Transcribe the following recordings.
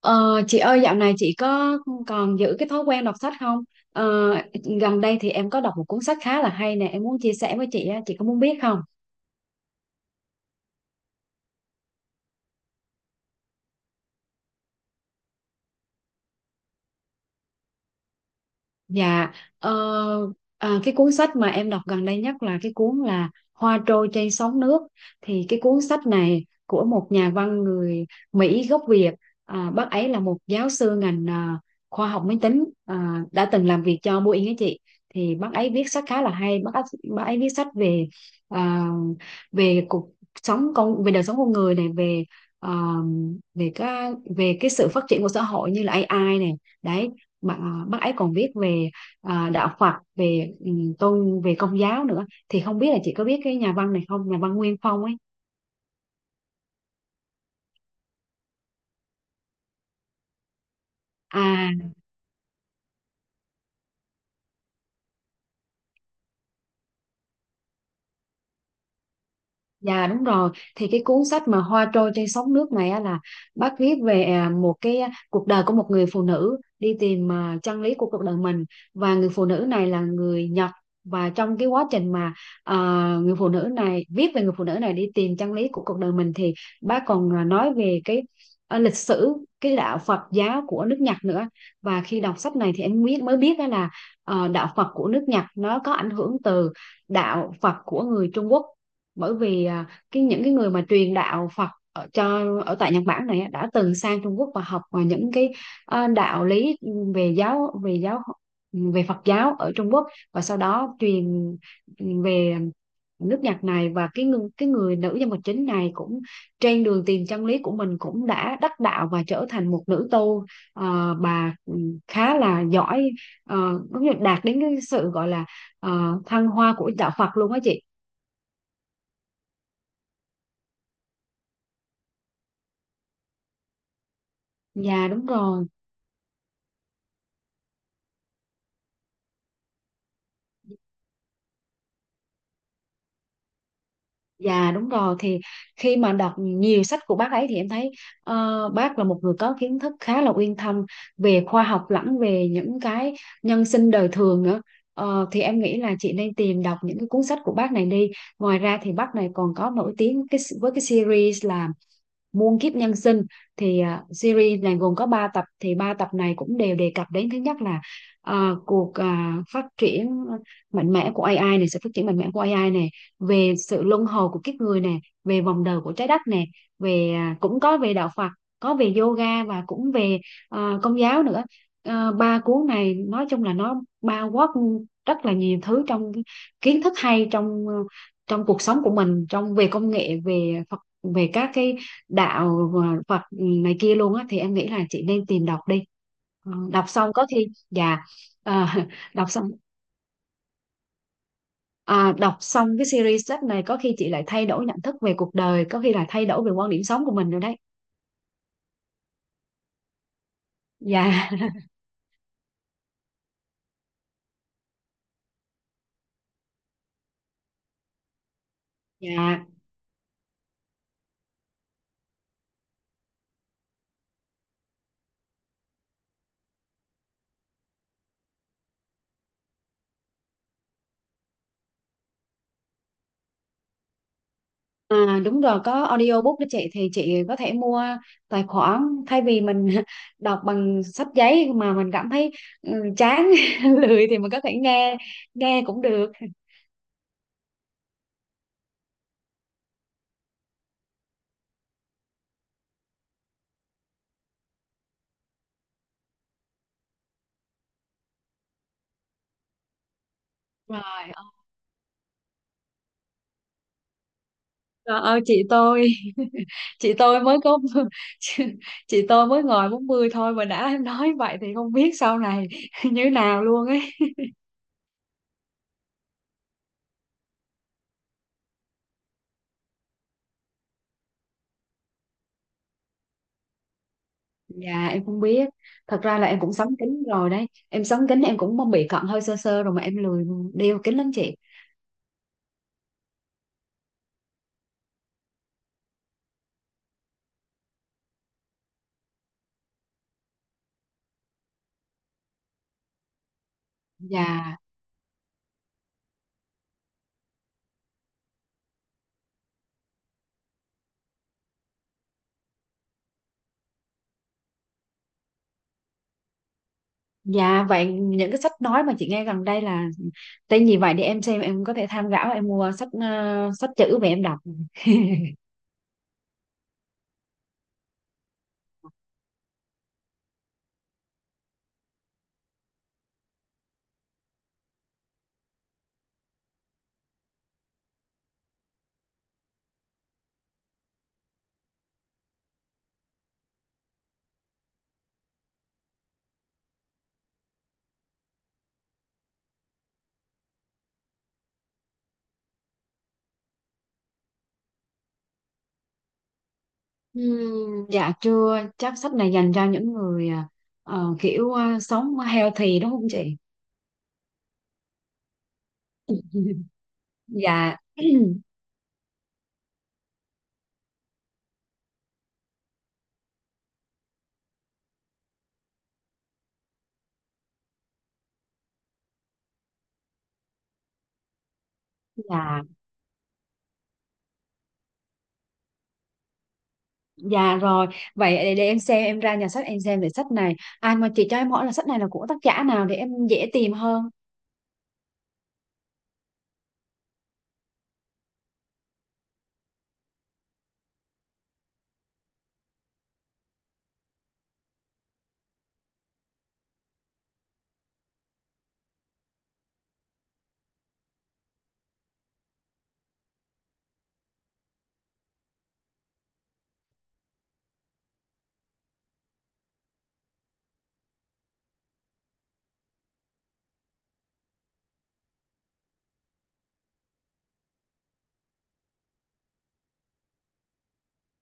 Ờ, chị ơi dạo này chị có còn giữ cái thói quen đọc sách không? Ờ, gần đây thì em có đọc một cuốn sách khá là hay nè, em muốn chia sẻ với chị á, chị có muốn biết không? Dạ, ờ, cái cuốn sách mà em đọc gần đây nhất là cái cuốn là Hoa trôi trên sóng nước. Thì cái cuốn sách này của một nhà văn người Mỹ gốc Việt. Bác ấy là một giáo sư ngành khoa học máy tính đã từng làm việc cho Boeing ấy chị. Thì bác ấy viết sách khá là hay. Bác ấy viết sách về à, về cuộc sống con về đời sống con người này, về à, về cái sự phát triển của xã hội như là AI này. Đấy mà bác ấy còn viết về đạo Phật về ừ, tôn về công giáo nữa, thì không biết là chị có biết cái nhà văn này không, nhà văn Nguyên Phong ấy. à Dạ đúng rồi, thì cái cuốn sách mà Hoa trôi trên sóng nước này á là bác viết về cuộc đời của một người phụ nữ đi tìm chân lý của cuộc đời mình, và người phụ nữ này là người Nhật. Và trong cái quá trình mà à, người phụ nữ này đi tìm chân lý của cuộc đời mình thì bác còn nói về lịch sử cái đạo Phật giáo của nước Nhật nữa. Và khi đọc sách này thì em mới biết đó là, đạo Phật của nước Nhật nó có ảnh hưởng từ đạo Phật của người Trung Quốc, bởi vì à, cái những cái người mà truyền đạo Phật ở cho ở tại Nhật Bản này á, đã từng sang Trung Quốc và học đạo lý, về giáo về giáo về Phật giáo ở Trung Quốc và sau đó truyền về nước Nhật này. Và cái người nữ nhân vật chính này cũng trên đường tìm chân lý của mình cũng đã đắc đạo và trở thành một nữ tu, bà khá là giỏi, ờ, cũng như đạt đến cái sự gọi là thăng hoa của đạo Phật luôn á chị. dạ đúng rồi Dạ đúng rồi, thì khi mà đọc nhiều sách của bác ấy thì em thấy bác là một người có kiến thức khá là uyên thâm về khoa học lẫn về những cái nhân sinh đời thường nữa. Thì em nghĩ là chị nên tìm đọc những cái cuốn sách của bác này đi. Ngoài ra thì bác này còn có nổi tiếng cái, với cái series là Muôn kiếp nhân sinh. Thì series này gồm có 3 tập, thì 3 tập này cũng đều đề cập đến thứ nhất là phát triển mạnh mẽ của AI này, sự phát triển mạnh mẽ của AI này, về sự luân hồi của kiếp người này, về vòng đời của trái đất này, về cũng có về đạo Phật, có về yoga, và cũng về công giáo nữa. À, 3 cuốn này nói chung là nó bao quát rất là nhiều thứ trong kiến thức hay trong trong cuộc sống của mình, trong về công nghệ, về Phật, về các cái Phật này kia luôn á, thì em nghĩ là chị nên tìm đọc đi. Ờ, đọc xong có khi dạ ờ, đọc xong đọc xong cái series sách này có khi chị lại thay đổi nhận thức về cuộc đời, có khi là thay đổi về quan điểm sống của mình rồi đấy. Dạ dạ đúng rồi, có audiobook đó chị, thì chị có thể mua tài khoản, thay vì mình đọc bằng sách giấy mà mình cảm thấy ừ, chán lười thì mình có thể nghe nghe cũng được. Rồi Trời ơi chị tôi chị tôi mới có chị, chị tôi mới ngồi 40 thôi mà đã em nói vậy thì không biết sau này như thế nào luôn ấy. Dạ em không biết. Thật ra là em cũng sắm kính rồi đấy, em sắm kính, em cũng bị cận hơi sơ sơ rồi mà em lười đeo kính lắm chị. Dạ dạ Vậy những cái sách nói mà chị nghe gần đây là tên gì vậy, để em xem em có thể tham khảo, em mua sách sách chữ về em đọc. Dạ chưa, chắc sách này dành cho những người sống healthy đúng không chị. dạ dạ dạ rồi Vậy để em xem em ra nhà sách em xem về sách này, ai mà chị cho em hỏi là sách này là của tác giả nào để em dễ tìm hơn.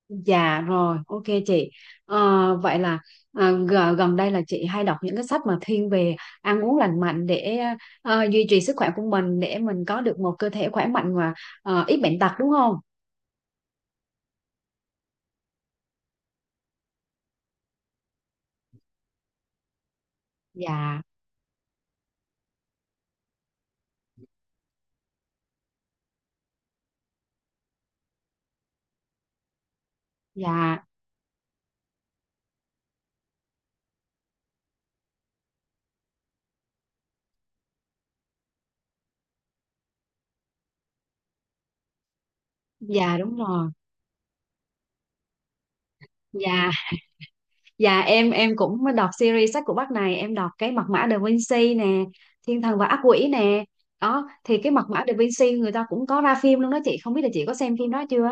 Dạ rồi, ok chị. Vậy là gần đây là chị hay đọc những cái sách mà thiên về ăn uống lành mạnh để duy trì sức khỏe của mình, để mình có được một cơ thể khỏe mạnh và ít bệnh tật đúng không. Dạ dạ dạ đúng rồi dạ Dạ em cũng mới đọc series sách của bác này, em đọc cái Mật mã Da Vinci nè, Thiên thần và ác quỷ nè. Đó thì cái Mật mã Da Vinci người ta cũng có ra phim luôn đó chị, không biết là chị có xem phim đó chưa.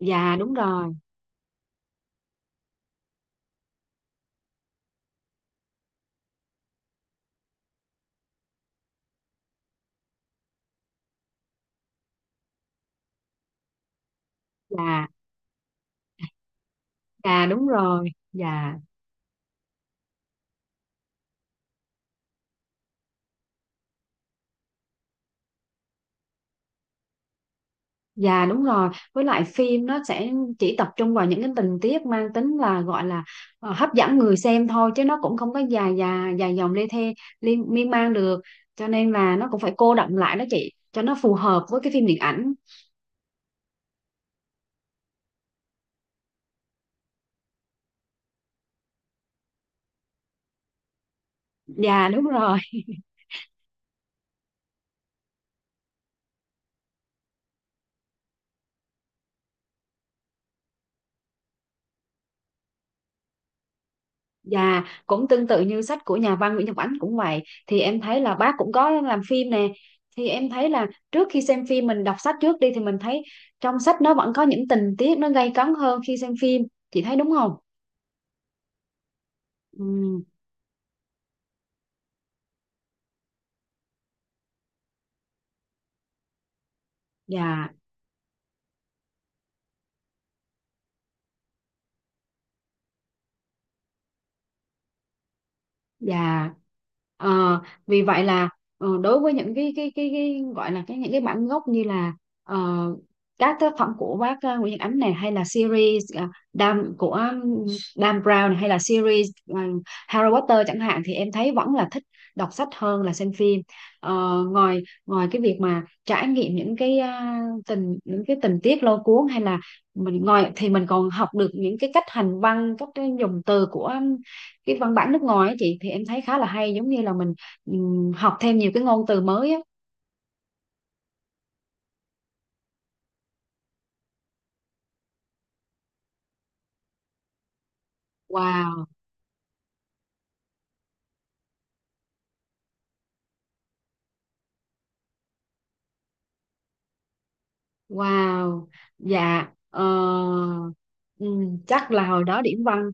Dạ đúng rồi dạ dạ đúng rồi dạ Dạ đúng rồi, với lại phim nó sẽ chỉ tập trung vào những cái tình tiết mang tính là gọi là hấp dẫn người xem thôi, chứ nó cũng không có dài dài dài dòng lê thê liên miên man được. Cho nên là nó cũng phải cô đọng lại đó chị cho nó phù hợp với cái phim điện ảnh. Dạ đúng rồi. Dạ cũng tương tự như sách của nhà văn Nguyễn Nhật Ánh cũng vậy, thì em thấy là bác cũng có làm phim nè. Thì em thấy là trước khi xem phim mình đọc sách trước đi thì mình thấy trong sách nó vẫn có những tình tiết nó gay cấn hơn khi xem phim. Chị thấy đúng không? Ừ. dạ dạ Ờ, vì vậy là đối với những cái gọi là cái những cái bản gốc như là, ờ, các tác phẩm của bác Nguyễn Nhật Ánh này, hay là series Dan Brown này, hay là series Harry Potter chẳng hạn, thì em thấy vẫn là thích đọc sách hơn là xem phim. Ờ, ngoài ngoài cái việc mà trải nghiệm những cái à, tình những cái tình tiết lôi cuốn hay là mình ngồi, thì mình còn học được những cái cách hành văn, cách dùng từ của cái văn bản nước ngoài ấy chị, thì em thấy khá là hay, giống như là mình học thêm nhiều cái ngôn từ mới á. Wow wow dạ chắc là hồi đó điểm văn,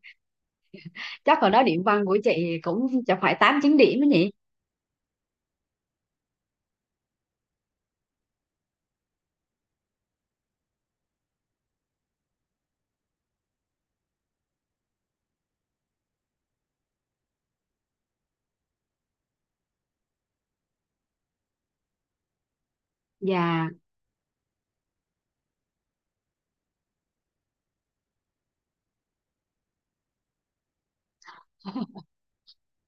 chắc hồi đó điểm văn của chị cũng chẳng phải tám chín điểm đó nhỉ. Dạ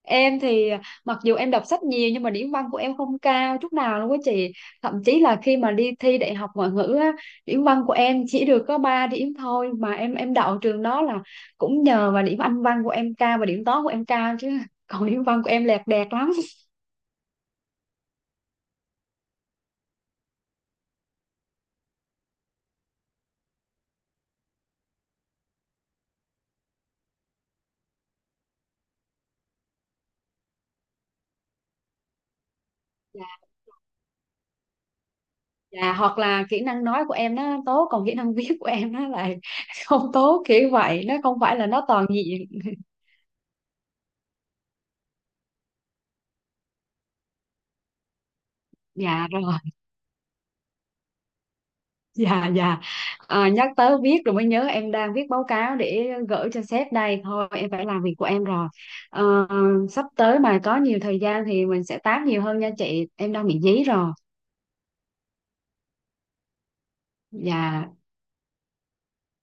Em thì mặc dù em đọc sách nhiều nhưng mà điểm văn của em không cao chút nào luôn á chị. Thậm chí là khi mà đi thi đại học ngoại ngữ á, điểm văn của em chỉ được có 3 điểm thôi, mà em đậu trường đó là cũng nhờ vào điểm Anh văn của em cao và điểm toán của em cao chứ. Còn điểm văn của em lẹt đẹt lắm. Dạ, dạ, hoặc là kỹ năng nói của em nó tốt còn kỹ năng viết của em nó lại không tốt kiểu vậy, nó không phải là nó toàn diện. Dạ rồi. Dạ dạ Nhắc tới viết rồi mới nhớ, em đang viết báo cáo để gửi cho sếp đây, thôi em phải làm việc của em rồi. Ờ, sắp tới mà có nhiều thời gian thì mình sẽ tám nhiều hơn nha chị, em đang bị dí rồi. Dạ